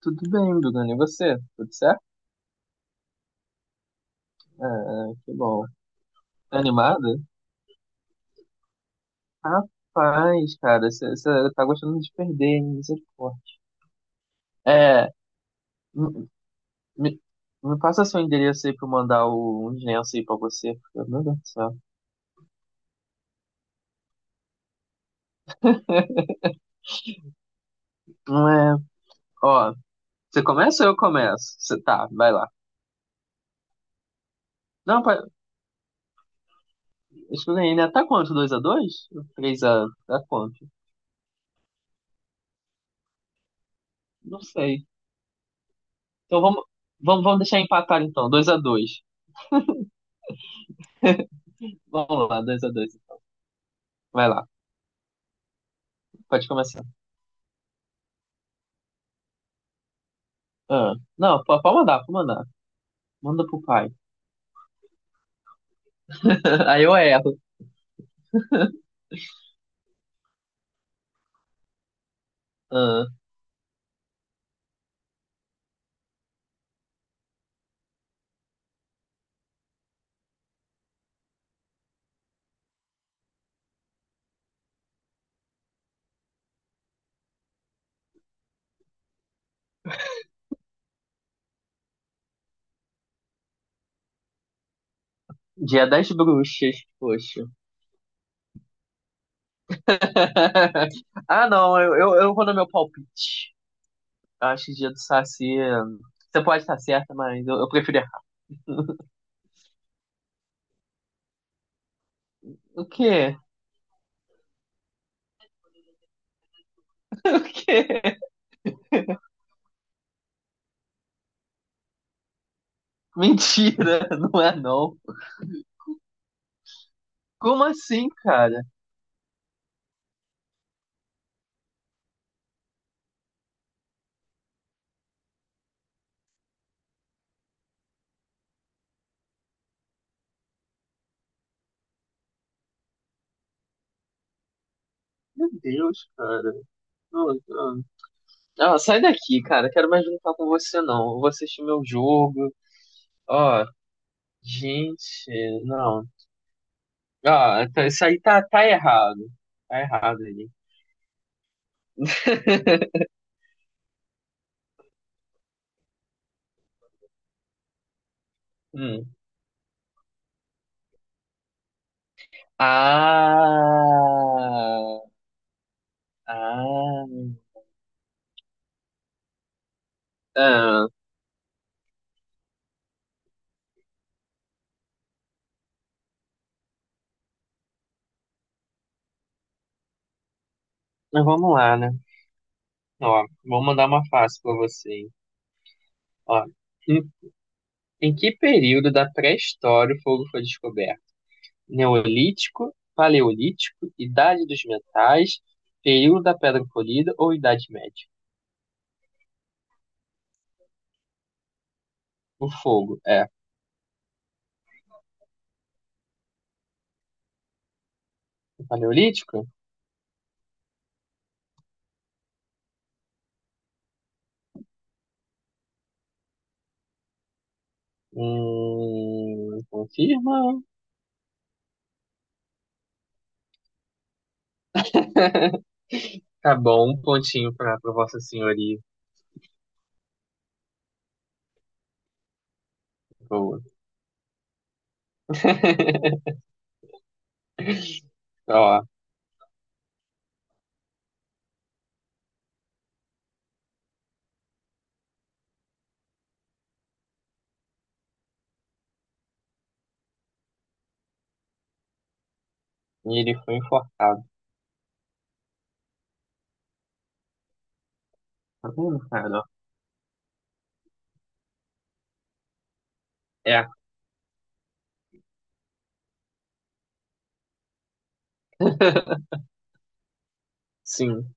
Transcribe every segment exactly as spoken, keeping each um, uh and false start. Tudo bem, Bruno, e você? Tudo certo? Ah, que bom. Tá animada? Rapaz, cara, você tá gostando de perder, hein? Misericórdia. É, me, me me passa seu endereço aí pra eu mandar o, uns lenços aí pra você, porque, Meu Deus do céu. Não é. Ó, você começa ou eu começo? Você tá, vai lá. Não, pa- acho que eu ganhei, né? Tá quanto? Dois a dois? Três a? Tá quanto? Não sei. Então vamos, vamos, vamos deixar empatar então. Dois a dois. Vamos lá, dois a dois. Vai lá, pode começar. Ah, não, pode pode mandar, pode mandar. Manda pro pai. Aí eu erro. Ah, dia das bruxas, poxa. Ah, não, eu, eu, eu vou no meu palpite. Eu acho que dia do Saci. eh, Você pode estar certa, mas eu, eu prefiro errar. O quê? O quê? Mentira, não é não. Como assim, cara? Meu Deus, cara. Não, não. Ah, sai daqui, cara. Quero mais brincar com você, não. Eu vou assistir meu jogo. Ó, gente, não. Ah, então isso aí tá, tá errado. Tá errado ali. Hum. Ah, ah, ah. Mas vamos lá, né? Ó, vou mandar uma fácil pra você, hein? Ó, em, em que período da pré-história o fogo foi descoberto? Neolítico, Paleolítico, Idade dos Metais, período da Pedra Polida ou Idade Média? O fogo é o Paleolítico? Hum, confirma. Tá bom, um pontinho pra, pra Vossa Senhoria. Boa. Ó, e ele foi enforcado. Tá vendo, cara? É, sim,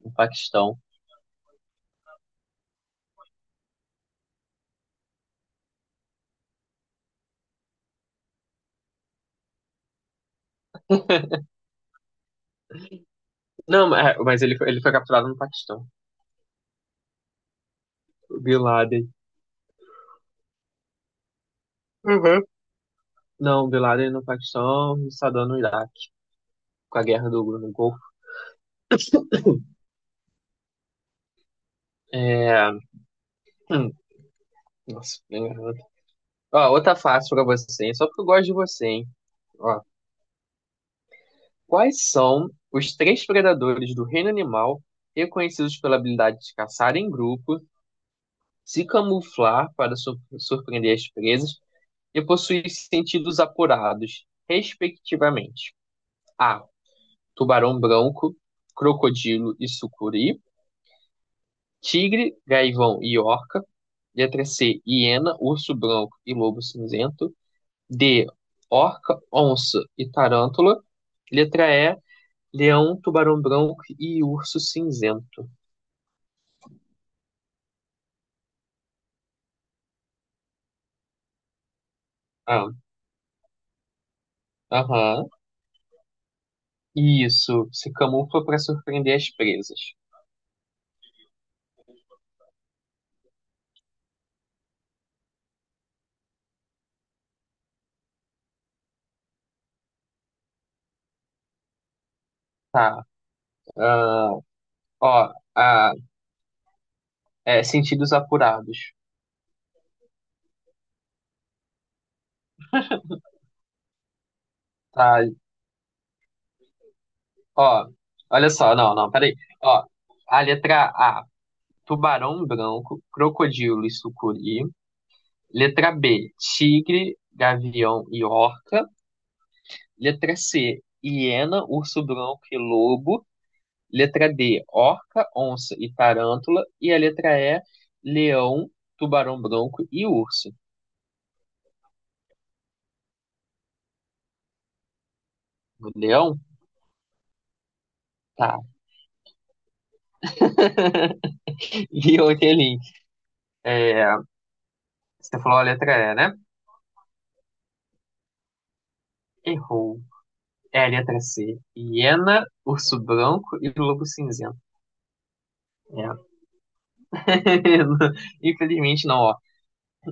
no Paquistão. Não, mas é, mas ele foi, ele foi capturado no Paquistão. O Bin Laden. Uhum. Não, o Bin Laden no Paquistão e o Saddam no Iraque, com a guerra do no Golfo. É. hum, Nossa, bem garoto. Ó, outra fácil pra você, hein? Só porque eu gosto de você, hein? Ó, quais são os três predadores do reino animal reconhecidos pela habilidade de caçar em grupo, se camuflar para sur- surpreender as presas e possuir sentidos apurados, respectivamente. A. Tubarão branco, crocodilo e sucuri. Tigre, gaivão e orca. Letra C. Hiena, urso branco e lobo cinzento. D. Orca, onça e tarântula. Letra E. Leão, tubarão branco e urso cinzento. Ah, aham. Isso. Se camufla para surpreender as presas. Tá. Ah, Ó, ah, é, sentidos apurados. Tá, ó, olha só, não, não, peraí. Ó, a letra A, tubarão branco, crocodilo e sucuri. Letra B, tigre, gavião e orca. Letra C, hiena, urso branco e lobo. Letra D, orca, onça e tarântula. E a letra E, leão, tubarão branco e urso. Leão? Tá. E o link. É, você falou a letra E, né? Errou. É, letra C. Hiena, urso branco e lobo cinzento. É. Infelizmente não, ó.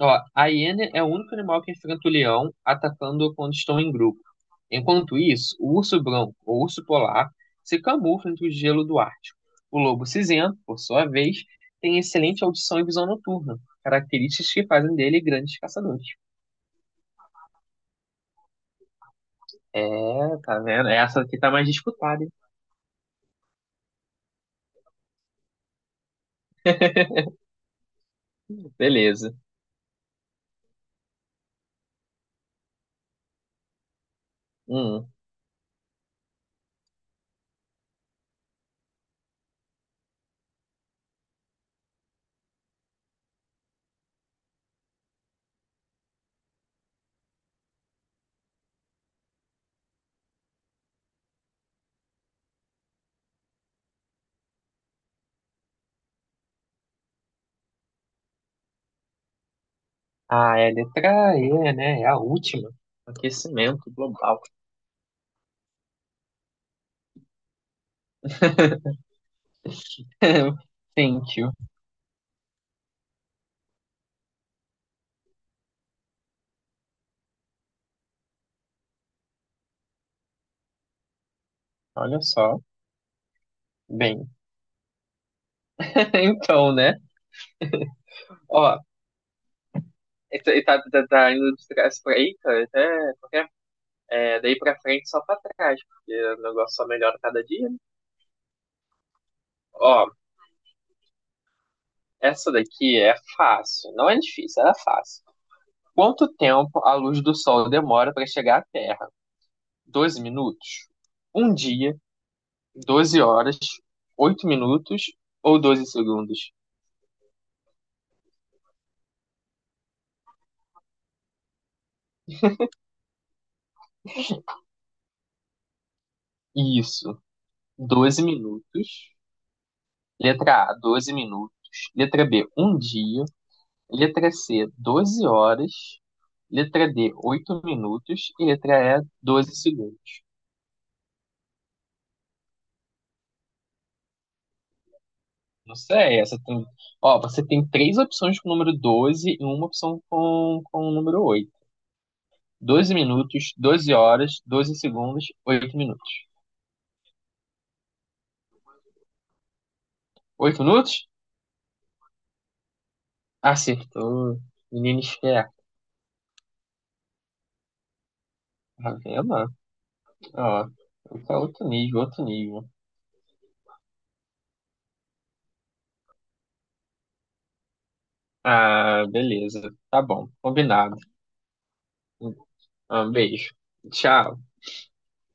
Ó, a hiena é o único animal que enfrenta o leão, atacando-o quando estão em grupo. Enquanto isso, o urso branco, ou urso polar, se camufla entre o gelo do Ártico. O lobo cinzento, por sua vez, tem excelente audição e visão noturna, características que fazem dele grandes caçadores. É, tá vendo? Essa aqui tá mais disputada, hein? Beleza. Hum. Ah, é a letra E, né? É a última. Aquecimento global. Thank you. Olha só. Bem, então, né? Ó, e tá, e tá, tá- tá indo de trás pra aí, cara, até porque é, daí pra frente só pra trás, porque o negócio só melhora cada dia, né? Ó, essa daqui é fácil. Não é difícil, ela é fácil. Quanto tempo a luz do sol demora pra chegar à Terra? doze minutos? Um dia, doze horas, oito minutos ou doze segundos? Isso. Doze minutos. Letra A, doze minutos. Letra B, um dia. Letra C, doze horas. Letra D, oito minutos. E letra E, doze segundos. Não sei, essa tem. Ó, você tem três opções com o número doze e uma opção com, com, o número oito. Doze minutos, doze horas, doze segundos, oito minutos. Oito minutos? Acertou. Menino esperto. Tá vendo? Ó, outro outro nível, outro nível. Ah, beleza. Tá bom. Combinado. Um beijo. Tchau.